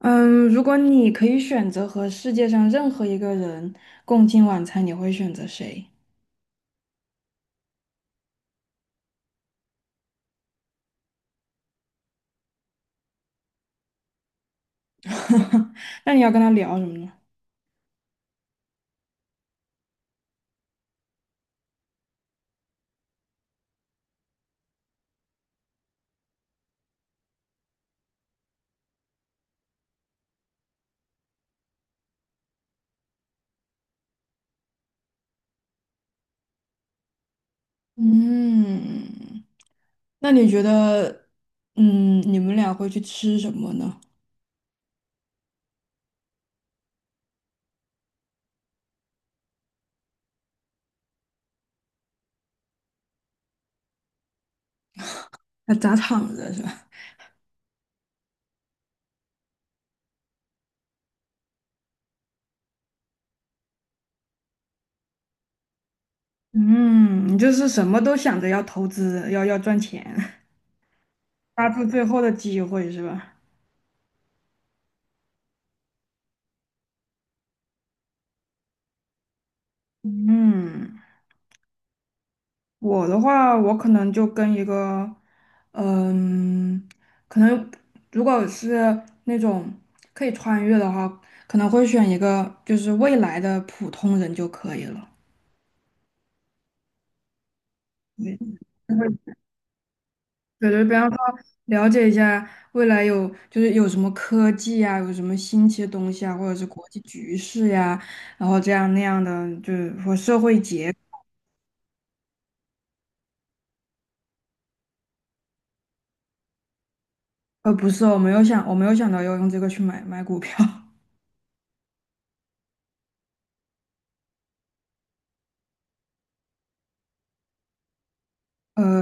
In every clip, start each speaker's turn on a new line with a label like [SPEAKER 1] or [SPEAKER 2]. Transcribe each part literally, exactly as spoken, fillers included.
[SPEAKER 1] 嗯，如果你可以选择和世界上任何一个人共进晚餐，你会选择谁？那你要跟他聊什么呢？嗯，那你觉得，嗯，你们俩会去吃什么呢？那砸场子是吧？嗯，你就是什么都想着要投资，要要赚钱。抓住最后的机会是吧？嗯。我的话，我可能就跟一个，嗯，可能如果是那种可以穿越的话，可能会选一个就是未来的普通人就可以了。对，对，对，比方说了解一下未来有就是有什么科技啊，有什么新奇的东西啊，或者是国际局势呀、然后这样那样的，就是和社会结，呃，不是，我没有想，我没有想到要用这个去买买股票。呃。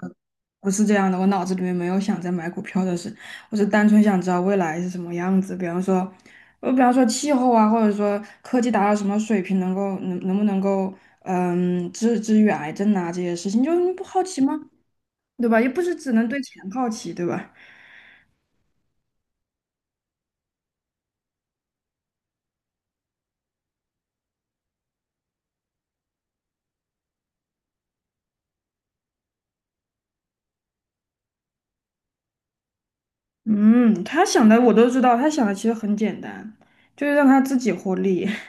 [SPEAKER 1] 不是这样的，我脑子里面没有想在买股票的事，我是单纯想知道未来是什么样子。比方说，呃，比方说气候啊，或者说科技达到什么水平，能够能能不能够，嗯，治治愈癌症啊这些事情，就你不好奇吗？对吧？又不是只能对钱好奇，对吧？嗯，他想的我都知道，他想的其实很简单，就是让他自己获利。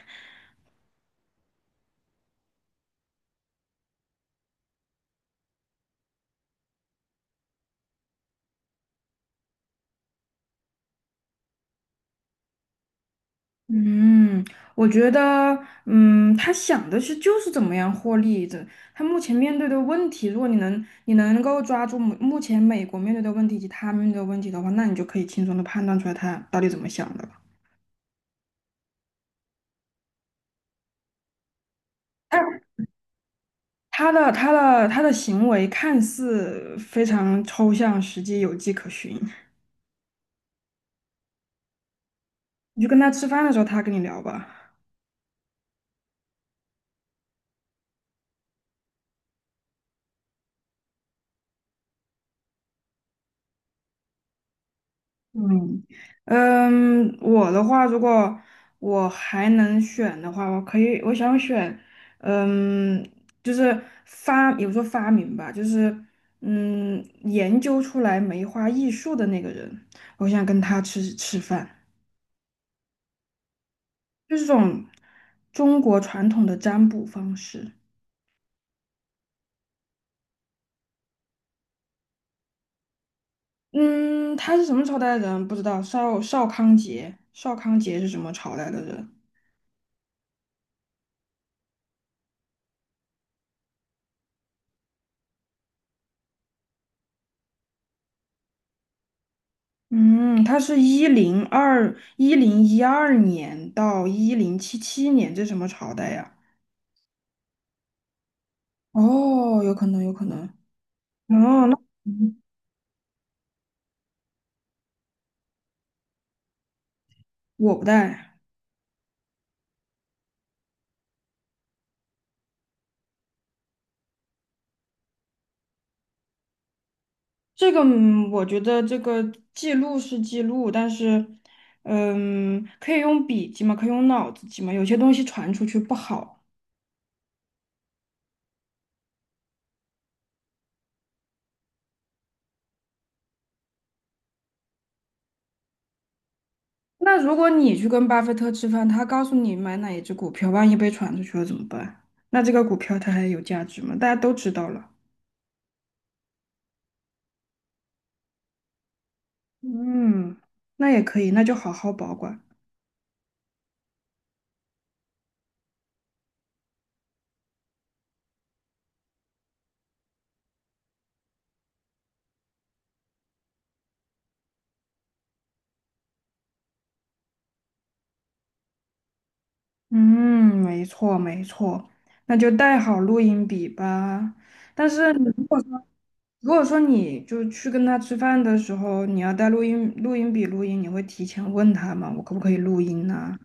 [SPEAKER 1] 嗯，我觉得，嗯，他想的是就是怎么样获利的。他目前面对的问题，如果你能你能够抓住目目前美国面对的问题以及他面对的问题的话，那你就可以轻松的判断出来他到底怎么想的了。但是他的他的他的行为看似非常抽象，实际有迹可循。你就跟他吃饭的时候，他跟你聊吧。嗯嗯，我的话，如果我还能选的话，我可以，我想选，嗯，就是发，也不说发明吧，就是嗯，研究出来梅花易数的那个人，我想跟他吃吃饭，就是这种中国传统的占卜方式。嗯，他是什么朝代的人不知道，邵邵康节，邵康节是什么朝代的人？嗯，它是一零二一零一二年到一零七七年，这什么朝代呀？哦，有可能，有可能。哦，那嗯我不带这个。嗯我觉得这个记录是记录，但是，嗯，可以用笔记嘛，可以用脑子记嘛，有些东西传出去不好。那如果你去跟巴菲特吃饭，他告诉你买哪一只股票，万一被传出去了怎么办？那这个股票它还有价值吗？大家都知道了。嗯，那也可以，那就好好保管。嗯，没错没错，那就带好录音笔吧。但是你如果说如果说你就去跟他吃饭的时候，你要带录音录音笔录音，你会提前问他吗？我可不可以录音呢、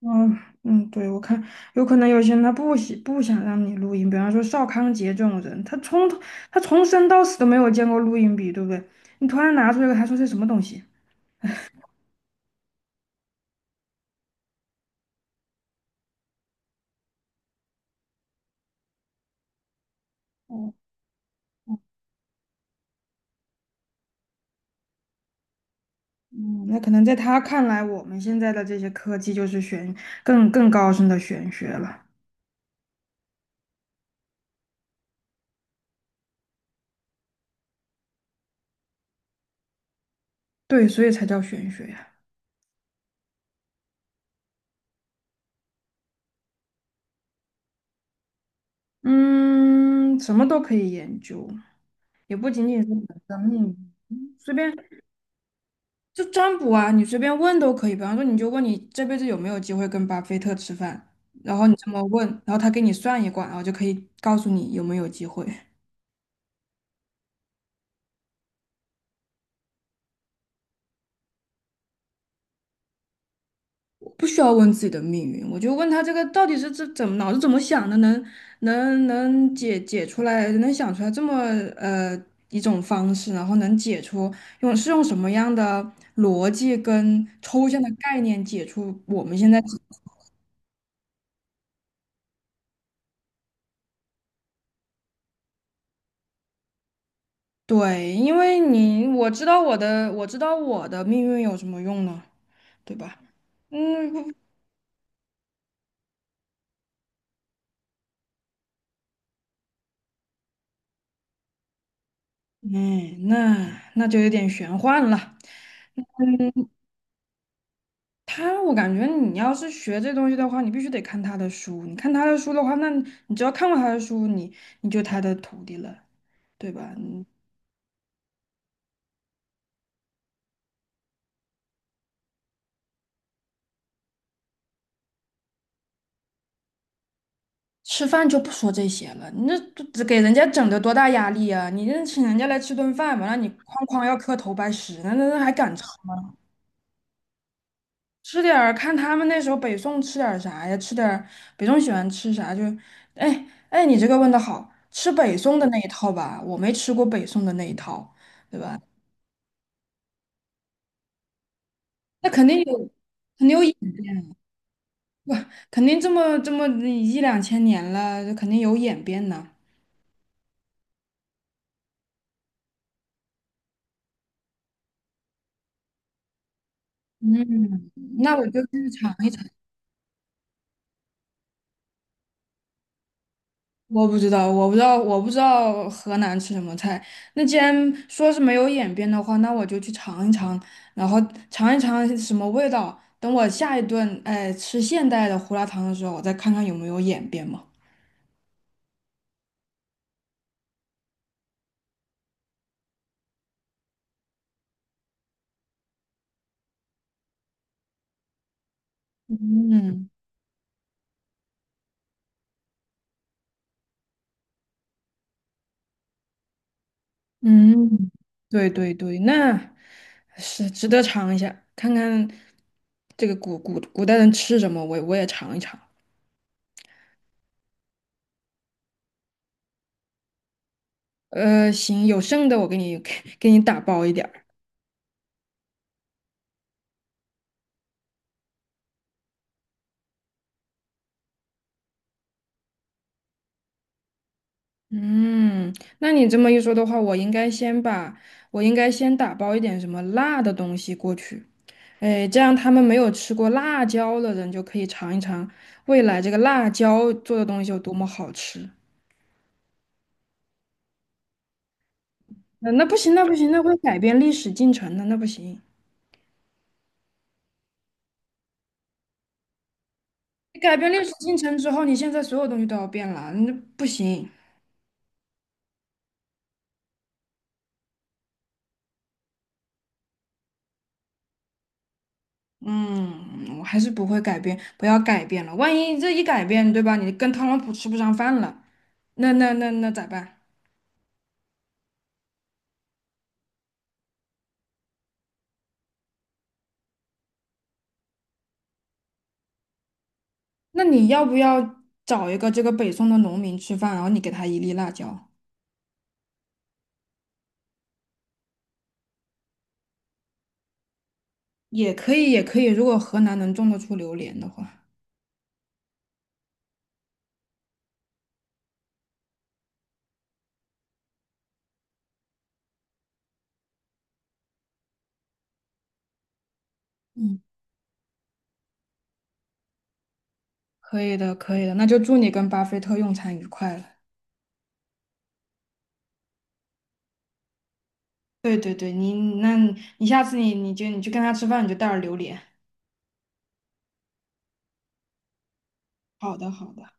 [SPEAKER 1] 嗯嗯，对，我看有可能有些人他不喜不想让你录音，比方说邵康杰这种人，他从头他从生到死都没有见过录音笔，对不对？你突然拿出来，个，他说这什么东西？嗯，那可能在他看来，我们现在的这些科技就是玄更更高深的玄学了。对，所以才叫玄学呀。嗯，什么都可以研究，也不仅仅是你的生命，随便就占卜啊，你随便问都可以。比方说，你就问你这辈子有没有机会跟巴菲特吃饭，然后你这么问，然后他给你算一卦，然后就可以告诉你有没有机会。不需要问自己的命运，我就问他这个到底是这怎么脑子怎么想的，能能能解解出来，能想出来这么呃一种方式，然后能解出用是用什么样的逻辑跟抽象的概念解出我们现在。对，因为你我知道我的我知道我的命运有什么用呢，对吧？嗯，不哎那那就有点玄幻了。他，我感觉你要是学这东西的话，你必须得看他的书。你看他的书的话，那你只要看过他的书，你你就他的徒弟了，对吧？你吃饭就不说这些了，你这这这给人家整的多大压力啊！你这请人家来吃顿饭，完了你哐哐要磕头拜师，那那那还敢吃？吃点儿看他们那时候北宋吃点儿啥呀？吃点儿北宋喜欢吃啥就，哎哎，你这个问的好，吃北宋的那一套吧，我没吃过北宋的那一套，对吧？那肯定有。肯定有哇，肯定这么这么一两千年了，肯定有演变呢。嗯，那我就去尝一，我不知道，我不知道，我不知道河南吃什么菜。那既然说是没有演变的话，那我就去尝一尝，然后尝一尝是什么味道。等我下一顿，哎，吃现代的胡辣汤的时候，我再看看有没有演变嘛。嗯嗯，对对对，那是值得尝一下，看看这个古古古代人吃什么，我我也尝一尝。呃，行，有剩的我给你 给你打包一点儿。嗯，那你这么一说的话，我应该先把我应该先打包一点什么辣的东西过去，哎，这样他们没有吃过辣椒的人就可以尝一尝未来这个辣椒做的东西有多么好吃。那那不行，那不行，那会改变历史进程的，那不行。你改变历史进程之后，你现在所有东西都要变了，那不行。嗯，我还是不会改变，不要改变了。万一这一改变，对吧？你跟特朗普吃不上饭了，那那那那咋办？那你要不要找一个这个北宋的农民吃饭，然后你给他一粒辣椒，也可以，也可以。如果河南能种得出榴莲的话，嗯，可以的，可以的。那就祝你跟巴菲特用餐愉快了。对对对，你那你下次你你就你去跟他吃饭，你就带点榴莲。好的，好的。